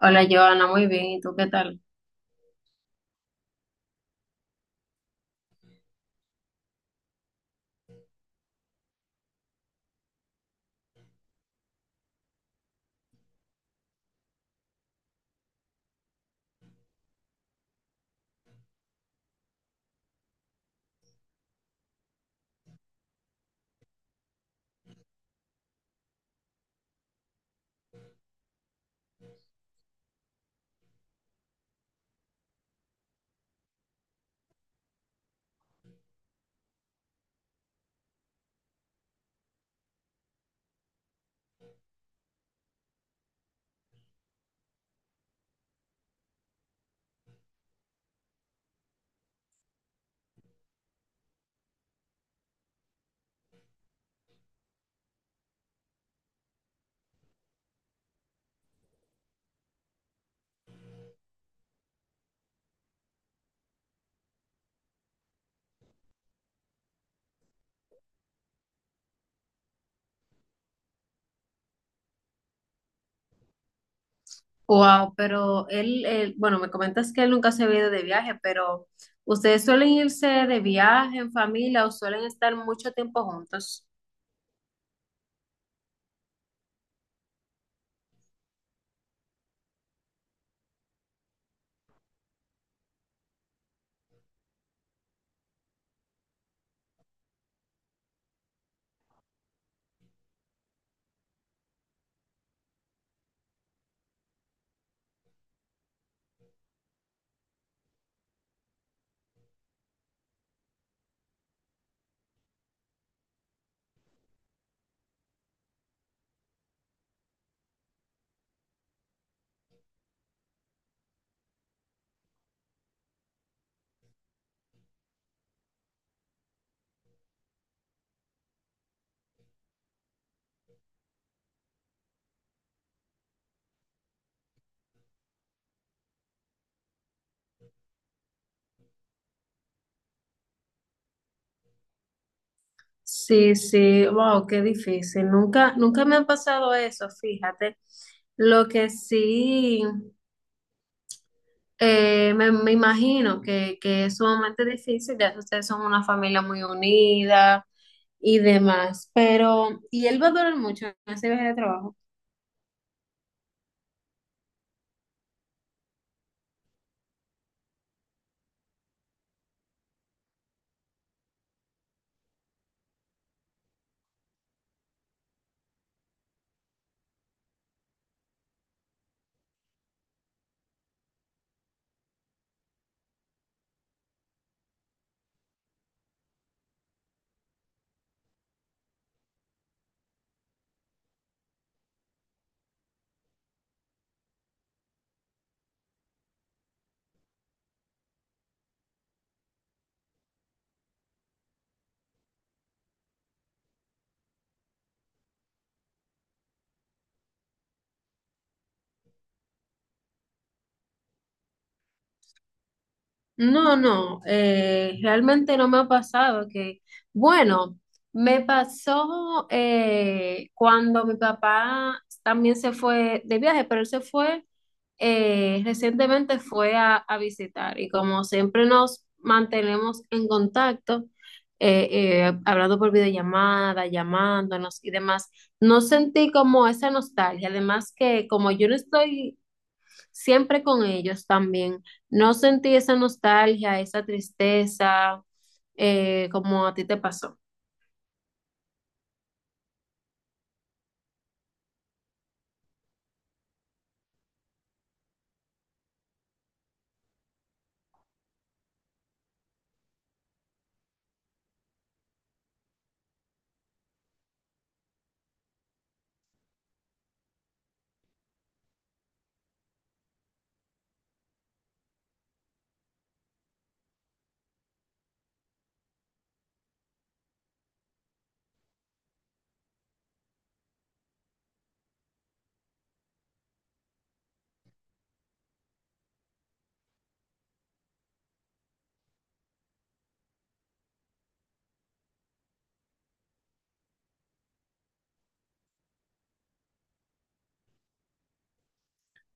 Hola, Joana, muy bien. ¿Y tú qué tal? Wow, pero bueno, me comentas que él nunca se había ido de viaje, pero ¿ustedes suelen irse de viaje en familia o suelen estar mucho tiempo juntos? Sí, sí, wow, qué difícil. Nunca, nunca me ha pasado eso, fíjate. Lo que sí, me imagino que es sumamente difícil, ya que ustedes son una familia muy unida y demás, pero ¿y él va a durar mucho en ese viaje de trabajo? No, no, realmente no me ha pasado que, bueno, me pasó cuando mi papá también se fue de viaje, pero él se fue, recientemente fue a visitar, y como siempre nos mantenemos en contacto, hablando por videollamada, llamándonos y demás, no sentí como esa nostalgia, además que como yo no estoy siempre con ellos también. No sentí esa nostalgia, esa tristeza, como a ti te pasó.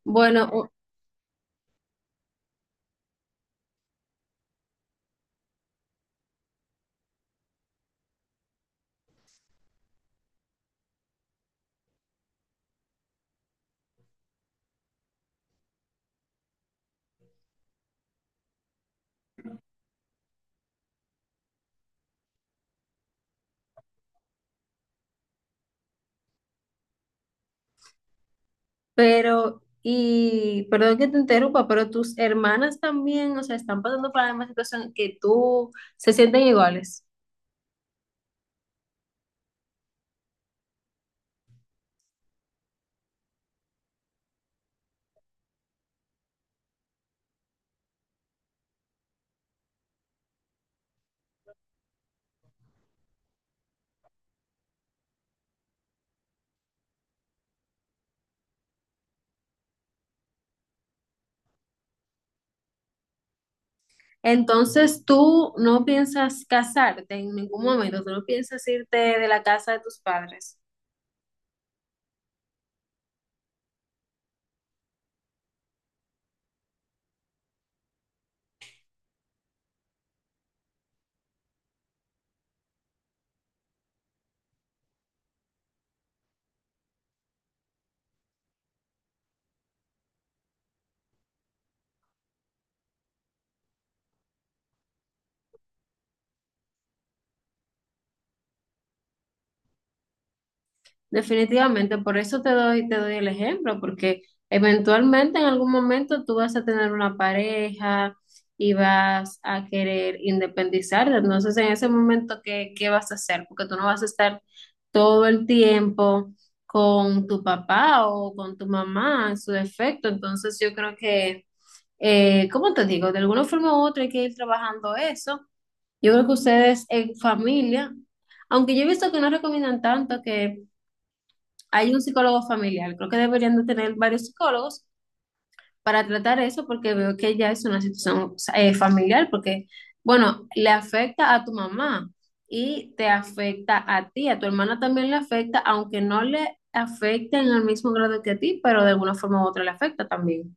Bueno, pero, y perdón que te interrumpa, pero tus hermanas también, o sea, ¿están pasando por la misma situación que tú, se sienten iguales? Entonces, ¿tú no piensas casarte en ningún momento, tú no piensas irte de la casa de tus padres? Definitivamente, por eso te doy el ejemplo, porque eventualmente en algún momento tú vas a tener una pareja y vas a querer independizarte. Entonces, en ese momento, ¿qué, qué vas a hacer? Porque tú no vas a estar todo el tiempo con tu papá o con tu mamá en su defecto. Entonces, yo creo que, ¿cómo te digo? De alguna forma u otra hay que ir trabajando eso. Yo creo que ustedes en familia, aunque yo he visto que no recomiendan tanto, que hay un psicólogo familiar. Creo que deberían de tener varios psicólogos para tratar eso, porque veo que ya es una situación familiar, porque, bueno, le afecta a tu mamá y te afecta a ti, a tu hermana también le afecta, aunque no le afecte en el mismo grado que a ti, pero de alguna forma u otra le afecta también.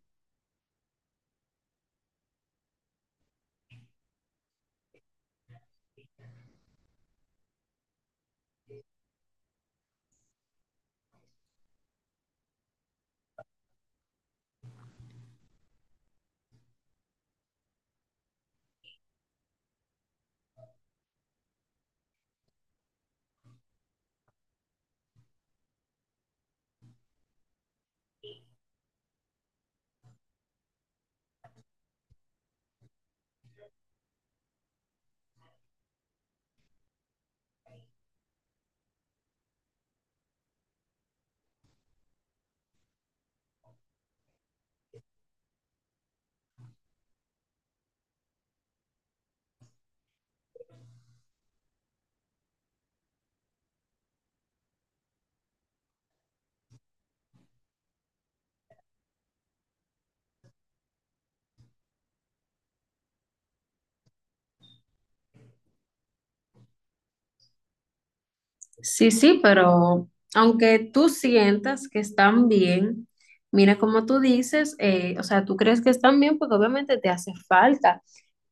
Sí, sí, pero aunque tú sientas que están bien, mira como tú dices, o sea, tú crees que están bien porque obviamente te hace falta,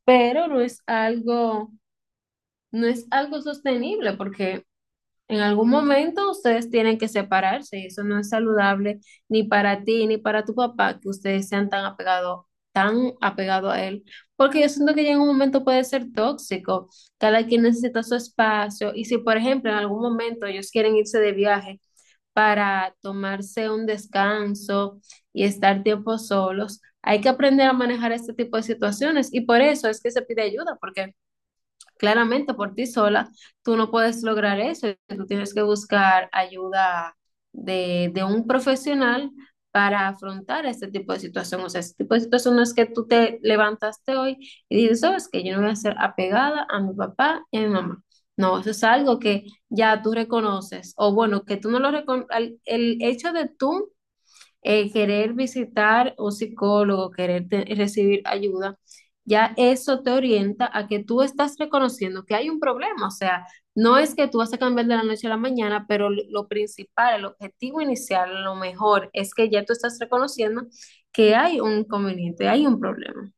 pero no es algo, no es algo sostenible, porque en algún momento ustedes tienen que separarse y eso no es saludable ni para ti ni para tu papá, que ustedes sean tan apegados, tan apegado a él, porque yo siento que ya en un momento puede ser tóxico. Cada quien necesita su espacio, y si por ejemplo en algún momento ellos quieren irse de viaje para tomarse un descanso y estar tiempo solos, hay que aprender a manejar este tipo de situaciones, y por eso es que se pide ayuda, porque claramente, por ti sola, tú no puedes lograr eso. Tú tienes que buscar ayuda de un profesional para afrontar este tipo de situación. O sea, este tipo de situación no es que tú te levantaste hoy y dices, sabes que yo no voy a ser apegada a mi papá y a mi mamá. No, eso es algo que ya tú reconoces. O bueno, que tú no lo reconoces. El hecho de tú querer visitar un psicólogo, querer recibir ayuda, ya eso te orienta a que tú estás reconociendo que hay un problema. O sea, no es que tú vas a cambiar de la noche a la mañana, pero lo principal, el objetivo inicial, lo mejor es que ya tú estás reconociendo que hay un inconveniente, hay un problema.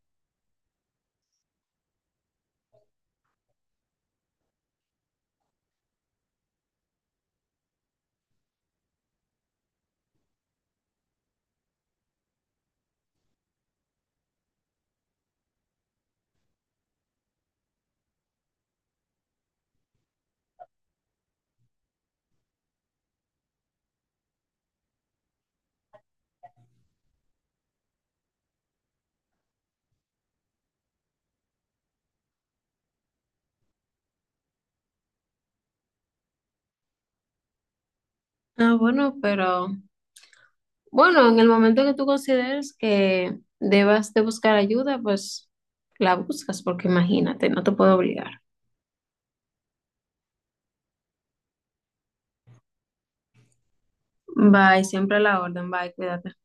Ah, bueno, pero bueno, en el momento que tú consideres que debas de buscar ayuda, pues la buscas, porque imagínate, no te puedo obligar. Bye, siempre a la orden, bye, cuídate.